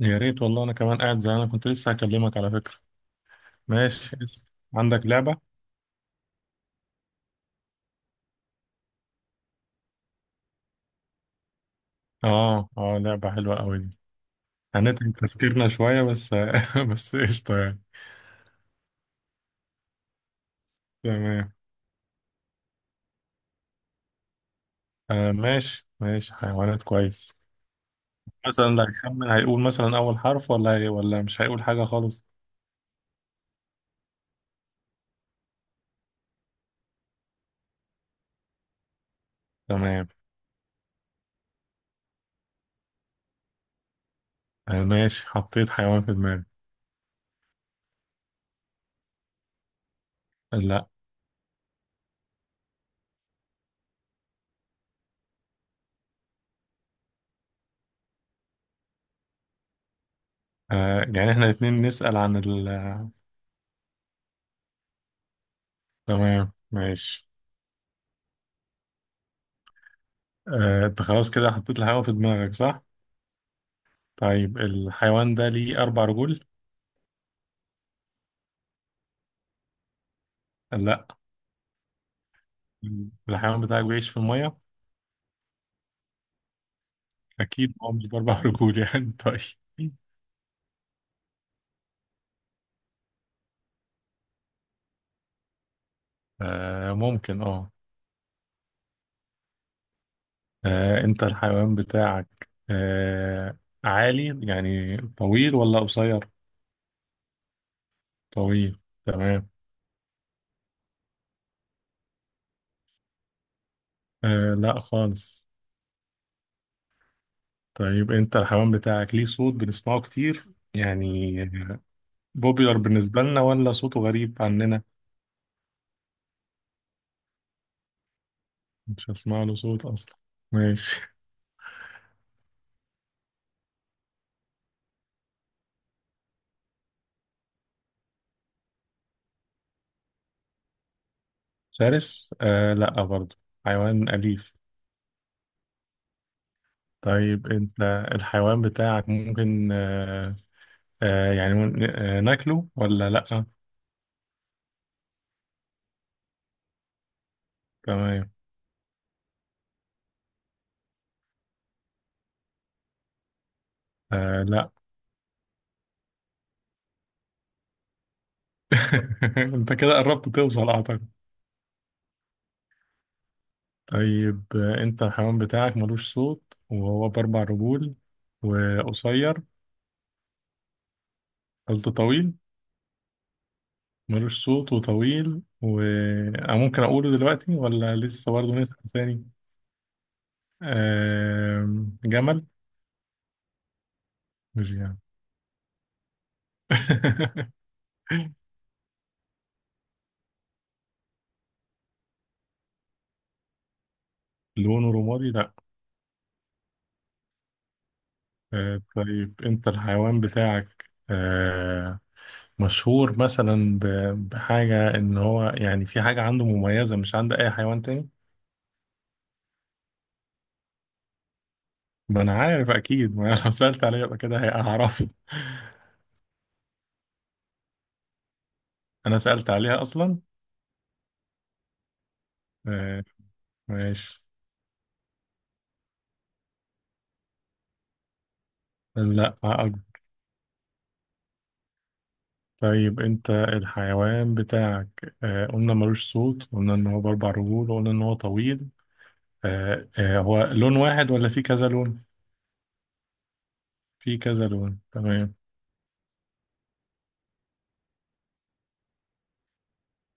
يا ريت والله. انا كمان قاعد، انا كنت لسه هكلمك على فكرة. ماشي قشطة. عندك لعبة؟ اه اه، لعبة حلوة قوي دي. هنتعب تفكيرنا شوية، بس بس قشطة يعني. تمام. آه ماشي ماشي، حيوانات كويس. مثلا اللي هيخمن هيقول مثلا اول حرف، ولا هي، ولا مش هيقول حاجة خالص. تمام. آه ماشي، حطيت حيوان في دماغي. لا. آه يعني احنا الاتنين نسأل عن ال آه، تمام ماشي. آه انت خلاص كده حطيت الحيوان في دماغك، صح؟ طيب الحيوان ده ليه أربع رجول؟ لا. الحيوان بتاعك بيعيش في المية؟ أكيد هو مش بأربع رجول يعني طيب آه ممكن اه آه، أنت الحيوان بتاعك عالي يعني، طويل ولا قصير؟ طويل. تمام. آه لا خالص. طيب أنت الحيوان بتاعك ليه صوت بنسمعه كتير يعني، بوبيلر بالنسبة لنا ولا صوته غريب عننا؟ مش هسمع له صوت أصلا. ماشي. شرس؟ آه لا برضه، حيوان أليف. طيب انت الحيوان بتاعك ممكن ناكله ولا لأ؟ تمام. آه لأ. انت كده قربت توصل اعتقد. طيب آه انت الحيوان بتاعك ملوش صوت وهو بأربع رجول وقصير. قلت طويل. ملوش صوت وطويل أنا ممكن أقوله دلوقتي ولا لسه برضه نسأل تاني؟ آه جمل. مش جمل لونه رمادي لأ. طيب انت الحيوان بتاعك مشهور مثلا بحاجة، ان هو يعني في حاجة عنده مميزة مش عند اي حيوان تاني. ما انا عارف اكيد، ما أنا لو سألت عليها يبقى كده هعرفه انا سألت عليها اصلا. آه، ماشي. لا أكبر. طيب انت الحيوان بتاعك قلنا ملوش صوت، قلنا ان هو باربع رجول، وقلنا ان هو طويل. هو لون واحد ولا في كذا لون؟ في كذا لون. تمام.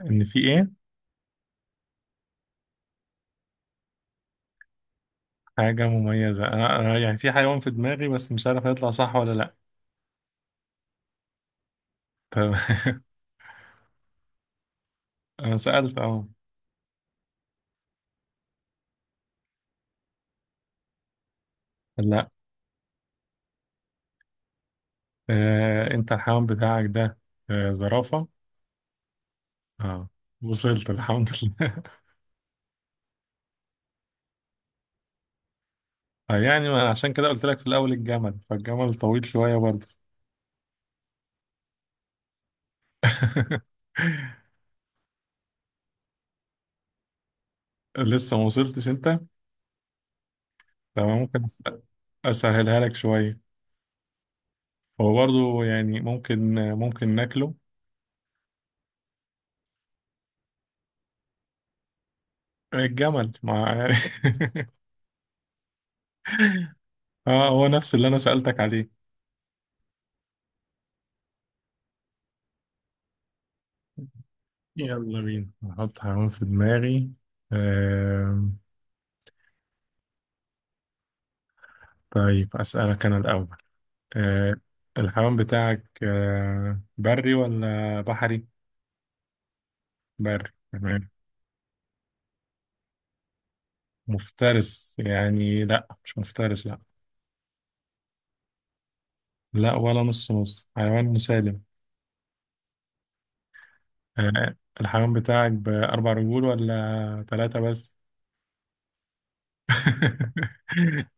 ان في ايه؟ حاجة مميزة؟ أنا يعني في حيوان في دماغي، بس مش عارف هيطلع صح ولا لأ. طب أنا سألت أهو. لأ. آه، أنت الحيوان بتاعك ده آه، زرافة. أه. وصلت الحمد لله آه، يعني ما عشان كده قلت لك في الأول الجمل، فالجمل طويل شوية برضه. لسه ما وصلتش أنت. طب أنا ممكن أسهلها لك شوية. هو برضه يعني ممكن ناكله. الجمل مع اه هو نفس اللي أنا سألتك عليه. يلا بينا، هحط حيوان في دماغي. آم،. طيب أسألك أنا الأول. آم، الحيوان بتاعك آم، بري ولا بحري؟ بري تمام. مفترس يعني؟ لأ مش مفترس لأ. لأ ولا نص نص، حيوان مسالم. آم، الحيوان بتاعك بأربع رجول ولا ثلاثة بس؟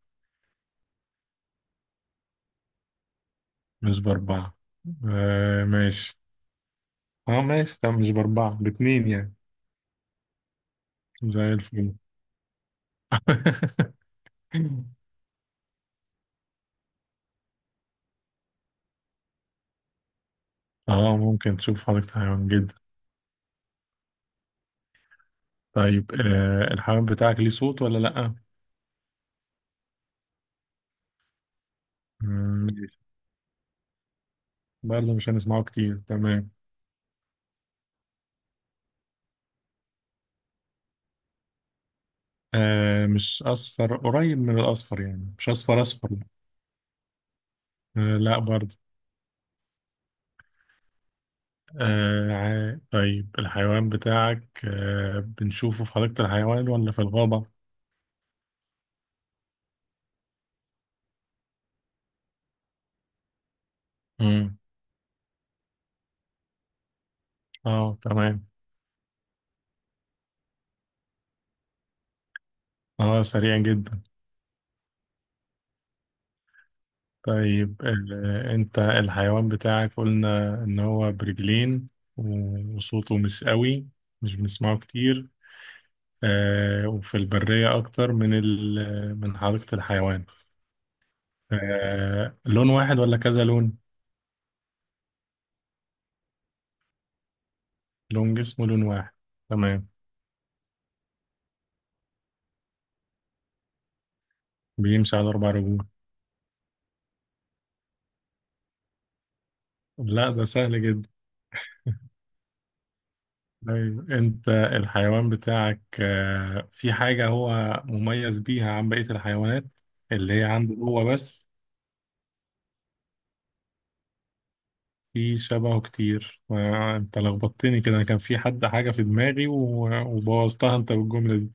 مش بأربعة. آم، ماشي. اه ماشي. طب مش بأربعة، باتنين يعني. زي الفل اه ممكن تشوف حضرتك حيوان جدا. طيب آه الحيوان بتاعك ليه صوت ولا لأ؟ مم،. برضه مش هنسمعه كتير، تمام. آه مش أصفر، قريب من الأصفر يعني، مش أصفر أصفر. آه لأ برضه. طيب الحيوان بتاعك آه بنشوفه في حديقة الحيوان ولا في الغابة؟ مم. اه تمام. اه سريع جدا. طيب آه انت الحيوان بتاعك قلنا ان هو برجلين وصوته مش قوي، مش بنسمعه كتير. آه، وفي البرية أكتر من من حديقة الحيوان. آه، لون واحد ولا كذا لون؟ لون جسمه لون واحد. تمام. بيمشي على أربع رجول. لا ده سهل جدا. طيب أنت الحيوان بتاعك آه، في حاجة هو مميز بيها عن بقية الحيوانات، اللي هي عنده هو بس. في شبهه كتير. آه، أنت لخبطتني كده، أنا كان في حاجة في دماغي وبوظتها أنت بالجملة دي.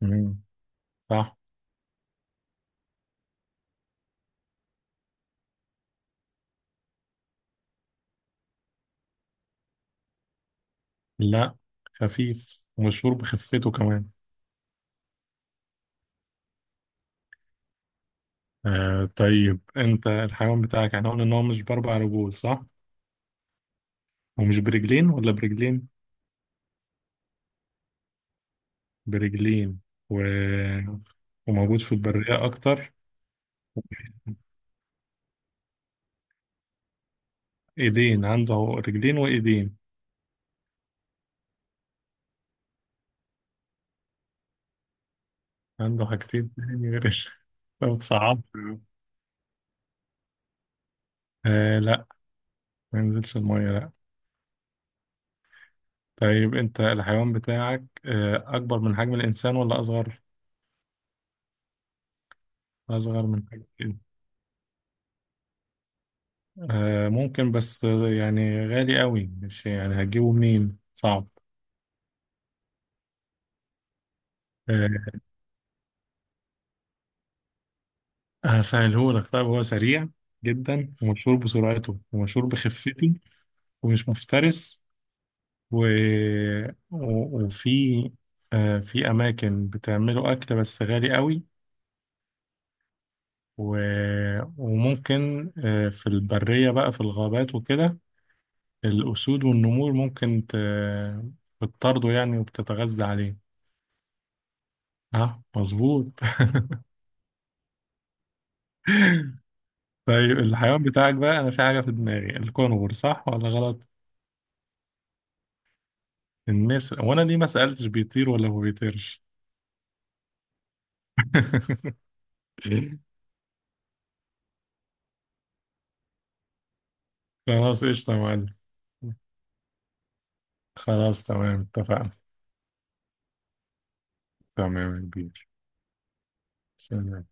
مم، صح. لا خفيف ومشهور بخفته كمان. آه طيب انت الحيوان بتاعك احنا قلنا ان هو مش باربع رجول، صح. ومش برجلين ولا برجلين؟ برجلين. و... وموجود في البرية اكتر. ايدين عنده، رجلين وايدين. عنده حاجتين تاني غير لو تصعب. آه لا، ما ينزلش المية لا. طيب انت الحيوان بتاعك آه اكبر من حجم الانسان ولا اصغر؟ اصغر من حجم الإنسان. آه ممكن، بس آه، يعني غالي قوي، مش يعني هتجيبه منين، صعب. آه هسهلهولك. طيب هو سريع جدا ومشهور بسرعته ومشهور بخفته. ومش مفترس. و... و... وفي آه في أماكن بتعمله أكل بس غالي قوي. و... وممكن آه في البرية بقى، في الغابات وكده، الأسود والنمور ممكن ت... بتطارده يعني وبتتغذى عليه. ها مظبوط. طيب الحيوان بتاعك بقى، انا في حاجه في دماغي، الكونغر صح ولا غلط؟ النسر. وانا ليه ما سالتش بيطير ولا ما بيطيرش؟ خلاص قشطه يا معلم. خلاص تمام اتفقنا. تمام يا كبير. سلام.